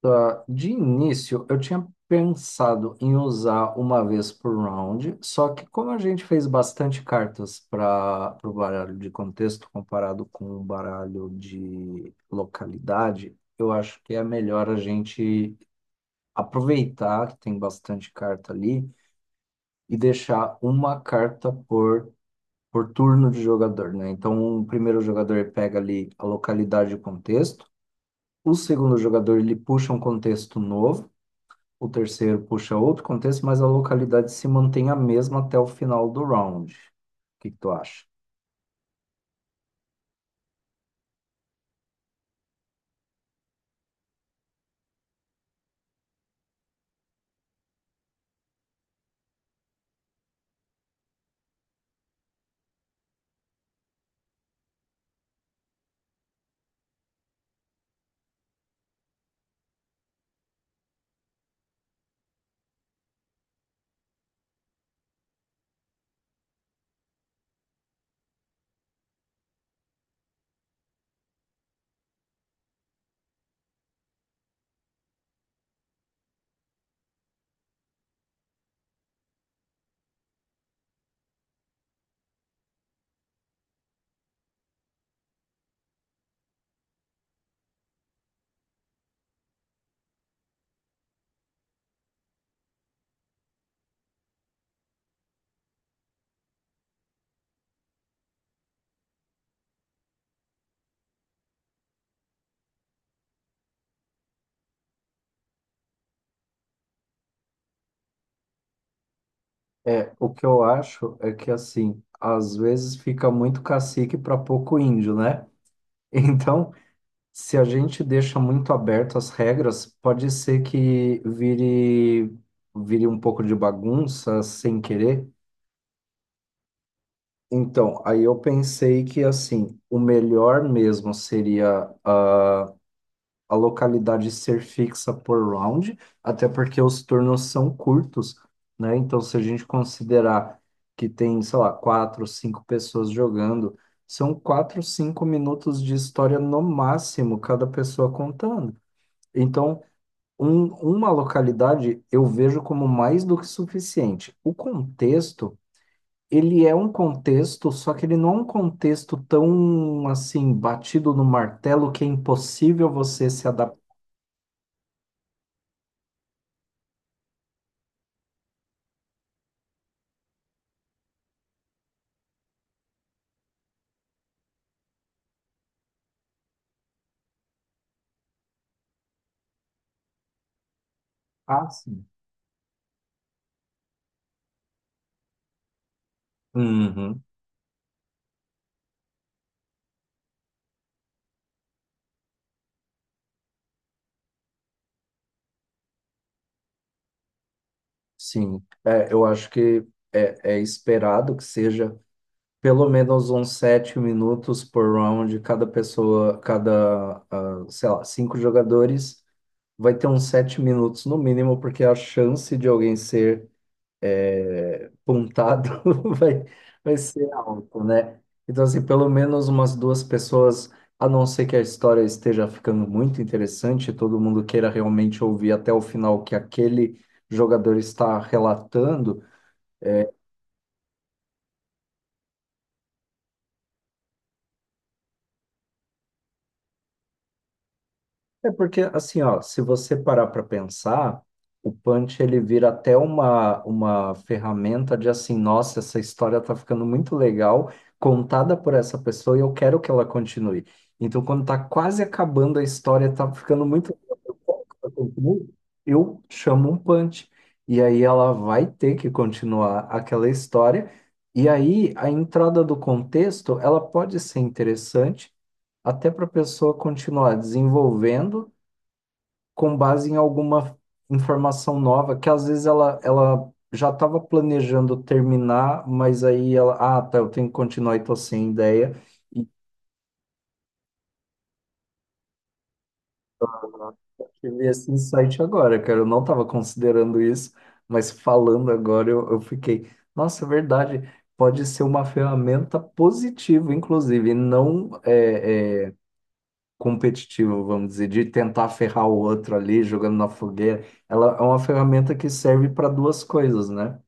Tá, de início, eu tinha pensado em usar uma vez por round, só que como a gente fez bastante cartas para o baralho de contexto comparado com o baralho de localidade, eu acho que é melhor a gente aproveitar que tem bastante carta ali e deixar uma carta por turno de jogador, né? Então, o primeiro jogador ele pega ali a localidade e o contexto, o segundo jogador ele puxa um contexto novo. O terceiro puxa outro contexto, mas a localidade se mantém a mesma até o final do round. O que que tu acha? É, o que eu acho é que, assim, às vezes fica muito cacique para pouco índio, né? Então, se a gente deixa muito aberto as regras, pode ser que vire um pouco de bagunça sem querer. Então, aí eu pensei que, assim, o melhor mesmo seria a localidade ser fixa por round, até porque os turnos são curtos, né? Então, se a gente considerar que tem, sei lá, quatro, cinco pessoas jogando, são quatro, cinco minutos de história no máximo, cada pessoa contando. Então, uma localidade eu vejo como mais do que suficiente. O contexto. Ele é um contexto, só que ele não é um contexto tão assim batido no martelo que é impossível você se adaptar assim. Uhum. Sim, é, eu acho que é esperado que seja pelo menos uns sete minutos por round, cada pessoa, sei lá, cinco jogadores vai ter uns sete minutos no mínimo, porque a chance de alguém ser pontado vai, vai ser alto, né? Então, assim, pelo menos umas duas pessoas, a não ser que a história esteja ficando muito interessante, e todo mundo queira realmente ouvir até o final o que aquele jogador está relatando. É porque, assim, ó, se você parar para pensar, o Punch ele vira até uma ferramenta de assim, nossa, essa história tá ficando muito legal, contada por essa pessoa e eu quero que ela continue. Então, quando tá quase acabando a história, tá ficando muito legal, eu quero que ela continue, eu chamo um Punch. E aí ela vai ter que continuar aquela história. E aí a entrada do contexto, ela pode ser interessante até para a pessoa continuar desenvolvendo com base em alguma informação nova, que às vezes ela já estava planejando terminar, mas aí ela, tá, eu tenho que continuar e tô sem ideia. E tive esse insight agora, cara, eu não estava considerando isso, mas falando agora eu fiquei, nossa, é verdade, pode ser uma ferramenta positiva, inclusive, e não é, competitiva, vamos dizer, de tentar ferrar o outro ali, jogando na fogueira. Ela é uma ferramenta que serve para duas coisas, né?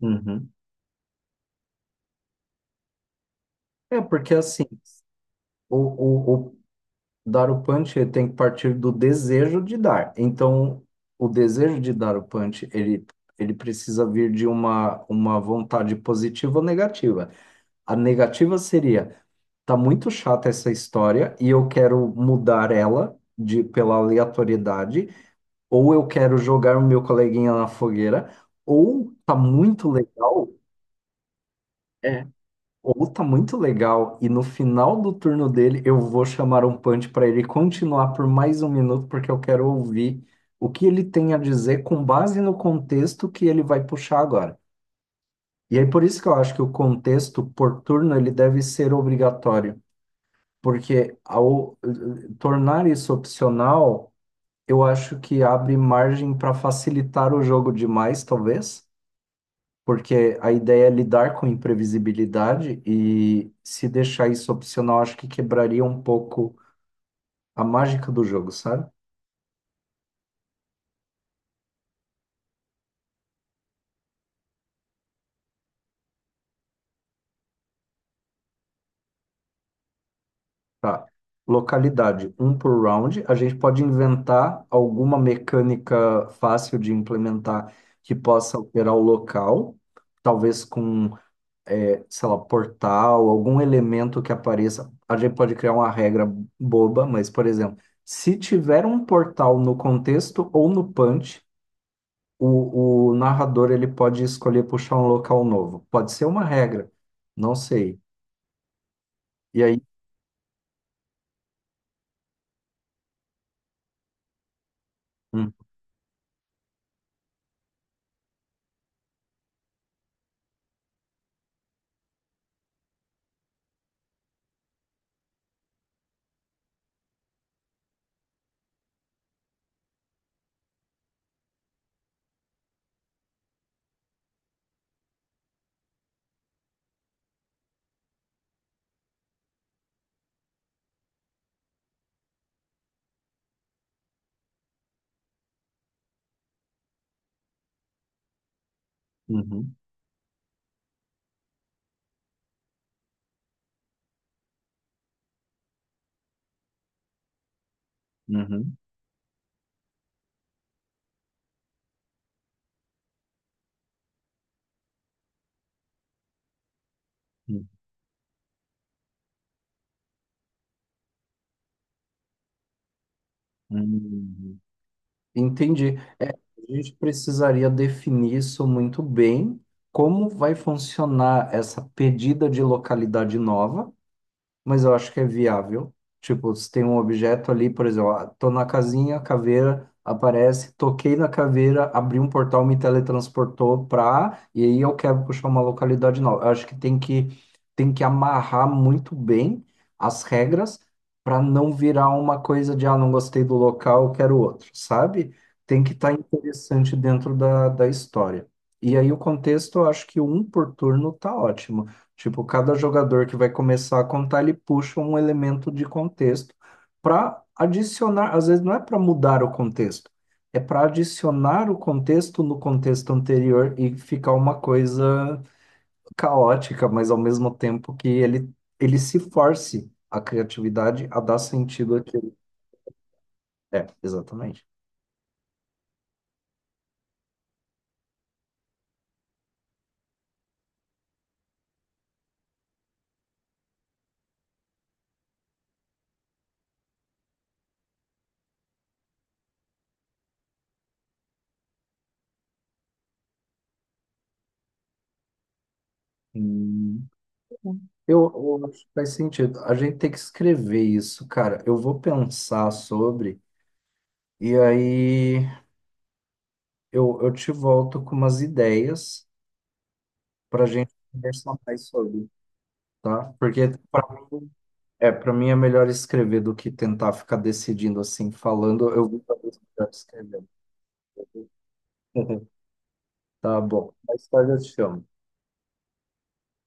Uhum. É porque assim, o dar o punch ele tem que partir do desejo de dar. Então, o desejo de dar o punch, ele precisa vir de uma vontade positiva ou negativa. A negativa seria, tá muito chata essa história e eu quero mudar ela de pela aleatoriedade, ou eu quero jogar o meu coleguinha na fogueira, ou tá muito legal. Ou tá muito legal, e no final do turno dele eu vou chamar um punch para ele continuar por mais um minuto, porque eu quero ouvir o que ele tem a dizer com base no contexto que ele vai puxar agora. E aí por isso que eu acho que o contexto por turno ele deve ser obrigatório, porque ao tornar isso opcional, eu acho que abre margem para facilitar o jogo demais, talvez porque a ideia é lidar com imprevisibilidade e se deixar isso opcional, acho que quebraria um pouco a mágica do jogo, sabe? Tá. Localidade, um por round. A gente pode inventar alguma mecânica fácil de implementar que possa alterar o local, talvez com, eh, sei lá, portal, algum elemento que apareça. A gente pode criar uma regra boba, mas, por exemplo, se tiver um portal no contexto ou no punch, o narrador ele pode escolher puxar um local novo. Pode ser uma regra, não sei. E aí? Hum. Uhum. Uhum. Uhum. Uhum. Entendi. É, a gente precisaria definir isso muito bem, como vai funcionar essa pedida de localidade nova, mas eu acho que é viável. Tipo, se tem um objeto ali, por exemplo, ah, tô na casinha, caveira aparece, toquei na caveira, abri um portal, me teletransportou pra, e aí eu quero puxar uma localidade nova. Eu acho que tem que amarrar muito bem as regras para não virar uma coisa de ah, não gostei do local, eu quero outro, sabe? Tem que estar interessante dentro da história. E aí o contexto, eu acho que um por turno tá ótimo. Tipo, cada jogador que vai começar a contar, ele puxa um elemento de contexto para adicionar, às vezes não é para mudar o contexto, é para adicionar o contexto no contexto anterior e ficar uma coisa caótica, mas ao mesmo tempo que ele se force a criatividade a dar sentido àquilo. É, exatamente. Hum, eu acho que faz sentido. A gente tem que escrever isso, cara. Eu vou pensar sobre, e aí eu te volto com umas ideias para a gente conversar mais sobre, tá? Porque para mim, para mim é melhor escrever do que tentar ficar decidindo assim, falando. Eu vou fazer melhor escrevendo. Tá bom. Mais tarde eu te chamo.